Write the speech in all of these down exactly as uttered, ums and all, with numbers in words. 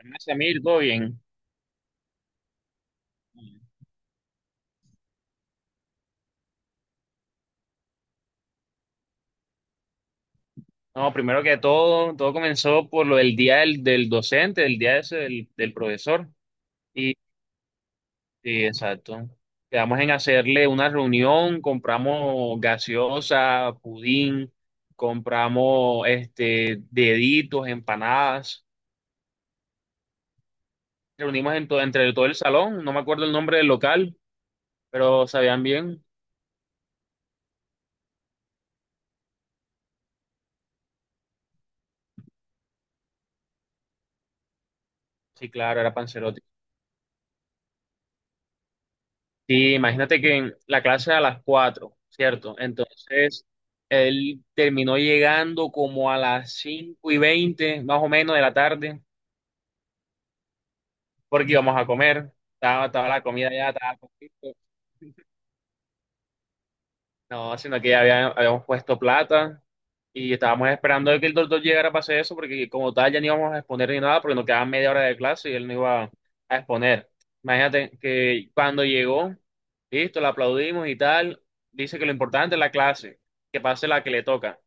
Hola, Samir, ¿todo bien? No, primero que todo, todo comenzó por lo del día del, del docente, del día ese del, del profesor. Y, sí, exacto. Quedamos en hacerle una reunión, compramos gaseosa, pudín, compramos este, deditos, empanadas. Reunimos en to- entre todo el salón, no me acuerdo el nombre del local, pero sabían bien. Sí, claro, era Panzerotti. Sí, imagínate que en la clase era a las cuatro, ¿cierto? Entonces, él terminó llegando como a las cinco y veinte, más o menos, de la tarde, porque íbamos a comer. Estaba, estaba la comida ya, estaba cogida. No, sino que ya había- habíamos puesto plata y estábamos esperando de que el doctor llegara para hacer eso, porque como tal ya no íbamos a exponer ni nada, porque nos quedaban media hora de clase y él no iba a exponer. Imagínate que cuando llegó, listo, le aplaudimos y tal, dice que lo importante es la clase, que pase la que le toca.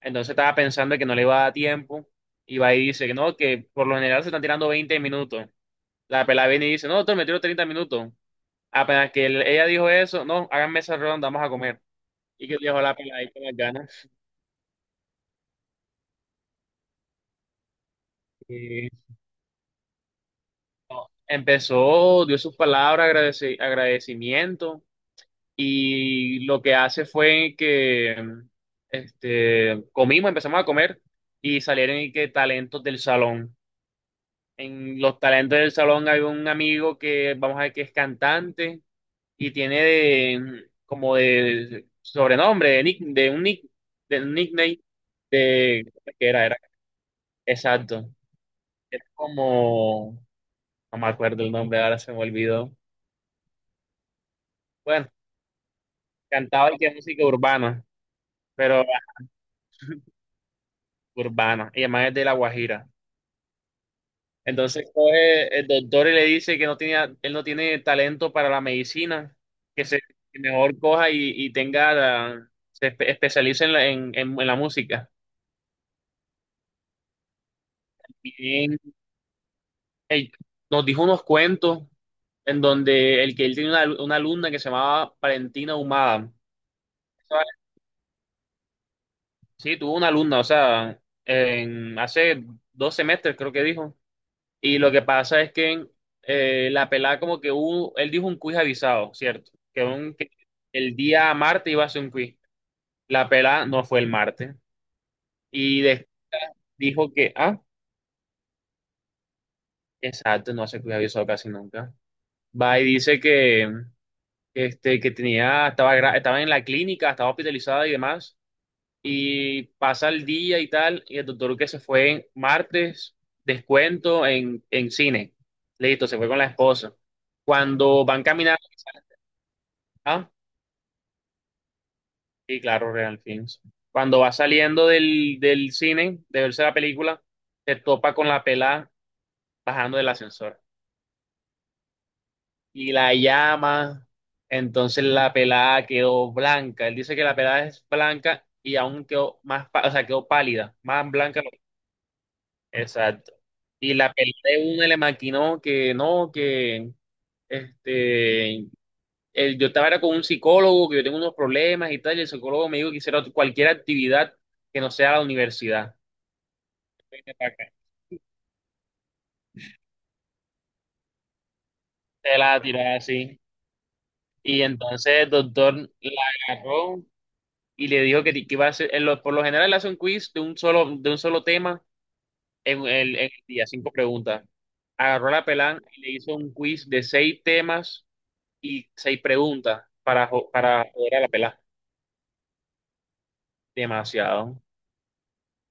Entonces estaba pensando que no le iba a dar tiempo y va y dice que no, que por lo general se están tirando veinte minutos. La pelada viene y dice, no, doctor, me tiro treinta minutos. Apenas que él- ella dijo eso, no, háganme esa ronda, vamos a comer y que dejó la peladita con las ganas. Eh, Empezó, dio sus palabras, agradeci- agradecimiento, y lo que hace fue que este, comimos, empezamos a comer, y salieron y que talentos del salón. En los talentos del salón hay un amigo que vamos a ver que es cantante y tiene de, como de sobrenombre, de, nick, de un nick, de un nickname de, ¿qué era? Era, exacto. Era como. No me acuerdo el nombre, ahora se me olvidó. Bueno, cantaba y que es música urbana, pero urbana, y además es de La Guajira. Entonces coge el doctor y le dice que no tenía, él no tiene talento para la medicina, que se que mejor coja y, y tenga, la- se espe- especialice en la, en, en- en la música. Y él nos dijo unos cuentos en donde el que él tenía una, una alumna que se llamaba Valentina Humada. Sí, tuvo una alumna, o sea, en, hace dos semestres creo que dijo. Y lo que pasa es que eh, la pelada como que hubo, él dijo un quiz avisado, ¿cierto? Que, un, que el día martes iba a ser un quiz. La pelada no fue el martes. Y de- Dijo que, ah, exacto, no hace quiz avisado casi nunca. Va y dice que, este, que tenía, estaba, gra- estaba en la clínica, estaba hospitalizada y demás. Y pasa el día y tal, y el doctor que se fue en martes, descuento en, en cine. Listo, se fue con la esposa. Cuando van caminando, ah, sí, claro, Real Films. Cuando va saliendo del, del cine, de verse la película, se topa con la pelada bajando del ascensor y la llama. Entonces la pelada quedó blanca. Él dice que la pelada es blanca y aún quedó más, pa- o sea, quedó pálida, más blanca. Exacto. Y la pelea de una le maquinó que no, que este, el- yo estaba era con un psicólogo, que yo tengo unos problemas y tal, y el psicólogo me dijo que hiciera cualquier actividad que no sea la universidad. Que pa' qué. Se la tiró así. Y entonces el doctor la agarró y le dijo que, que iba a hacer, en lo- por lo general le hace un quiz de un solo, de un solo tema en el, en el día, cinco preguntas. Agarró la pelán y le hizo un quiz de seis temas y seis preguntas para, jo- para joder a la pelada. Demasiado.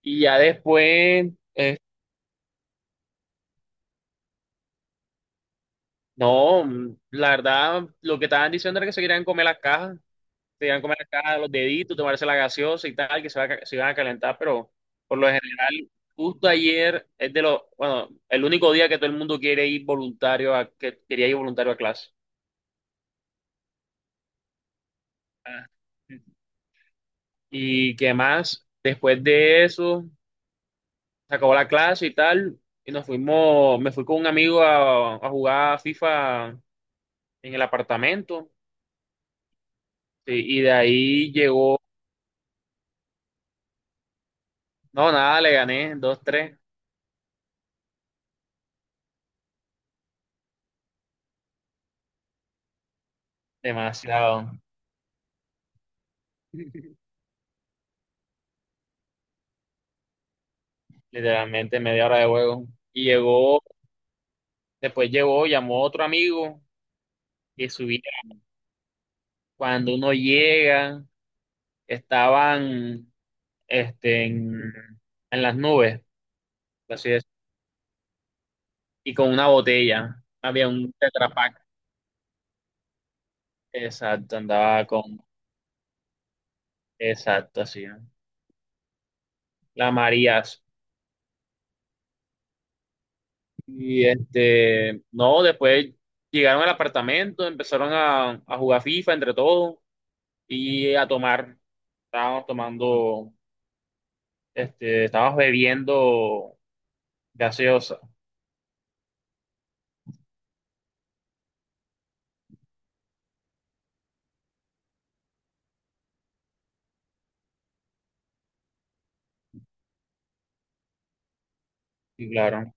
Y ya después, eh, no, mm, la verdad, lo que estaban diciendo era que se querían comer las cajas, se querían comer las cajas, los deditos, tomarse la gaseosa y tal, que se, va a ca- se iban a calentar, pero por lo general, justo ayer es de los, bueno, el único día que todo el mundo quiere ir voluntario a, que quería ir voluntario a clase. Ah. ¿Y qué más? Después de eso, se acabó la clase y tal, y nos fuimos, me fui con un amigo a, a jugar FIFA en el apartamento, sí, y de ahí llegó, no, nada, le gané, dos, tres, demasiado, literalmente media hora de juego, y llegó, después llegó, llamó otro amigo, y subí, cuando uno llega, estaban, este, en, en las nubes, por así es, y con una botella, había un tetrapack, exacto, andaba con Exacto, así, ¿no? La Marías. Y este, no, después llegaron al apartamento, empezaron a, a jugar FIFA entre todos y a tomar. Estábamos tomando, este, estábamos bebiendo gaseosa. Y claro,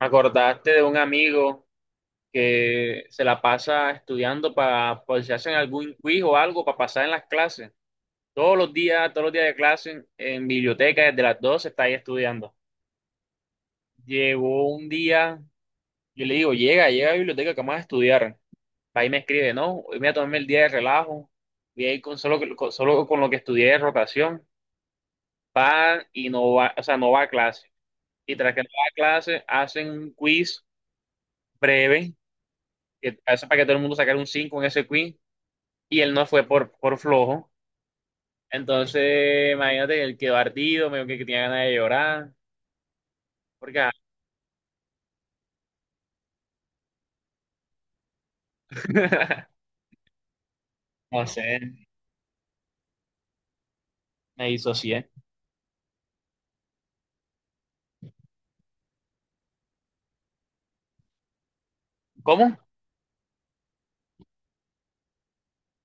me acordaste de un amigo que se la pasa estudiando para, por si hacen algún quiz o algo, para pasar en las clases. Todos los días, todos los días de clase, en biblioteca, desde las doce está ahí estudiando. Llegó un día. Yo le digo, llega, llega, a la biblioteca que vamos a estudiar. Ahí me escribe, no, hoy me voy a tomarme el día de relajo, voy a ir con solo, con, solo con lo que estudié de rotación, pan y no va, o sea, no va a clase. Y tras que no va a clase, hacen un quiz breve, que hace para que todo el mundo sacara un cinco en ese quiz, y él no fue por, por flojo. Entonces, imagínate, él quedó ardido, medio que, que tenía ganas de llorar, porque, ah, no sé, me disocié. ¿Cómo?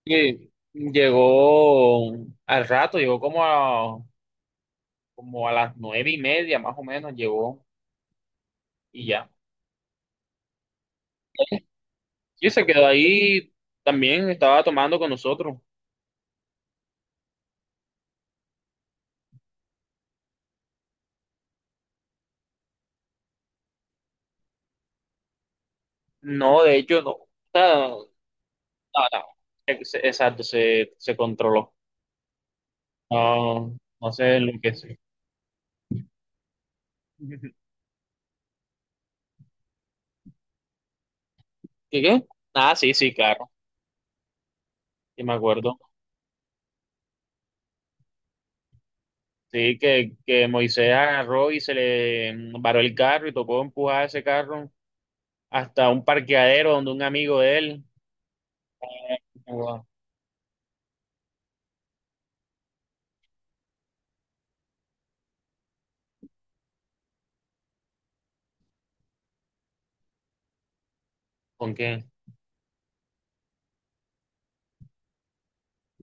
Sí, llegó al rato, llegó como a, como a las nueve y media más o menos, llegó y ya. Y se quedó ahí, también estaba tomando con nosotros. No, de hecho, no. O sea, no, no, Ex- Exacto, se, se controló. No, no sé lo que sí. ¿Qué qué? Ah, sí, sí, claro, sí me acuerdo. Sí, que, que Moisés agarró y se le varó el carro y tocó empujar ese carro hasta un parqueadero donde un amigo de él. Wow. ¿Con qué?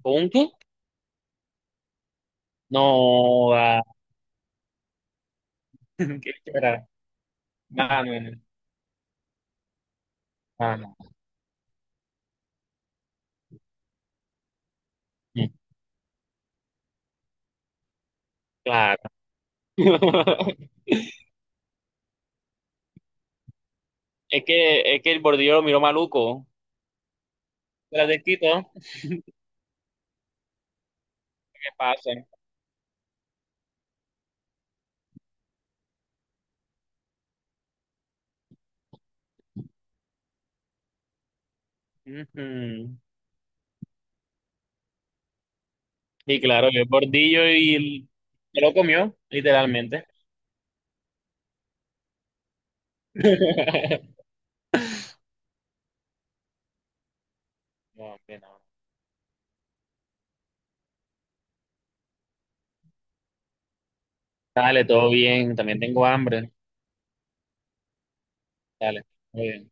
¿Con un qué? No, va. ¿Qué era? Mano, en- mano. Mm, claro. Es que, es que el bordillo lo miró maluco. Se. La de. ¿Qué pasa? Ujú. Y claro, el bordillo y el- se lo comió, literalmente. No, hombre, no. Dale, todo bien. También tengo hambre. Dale, muy bien.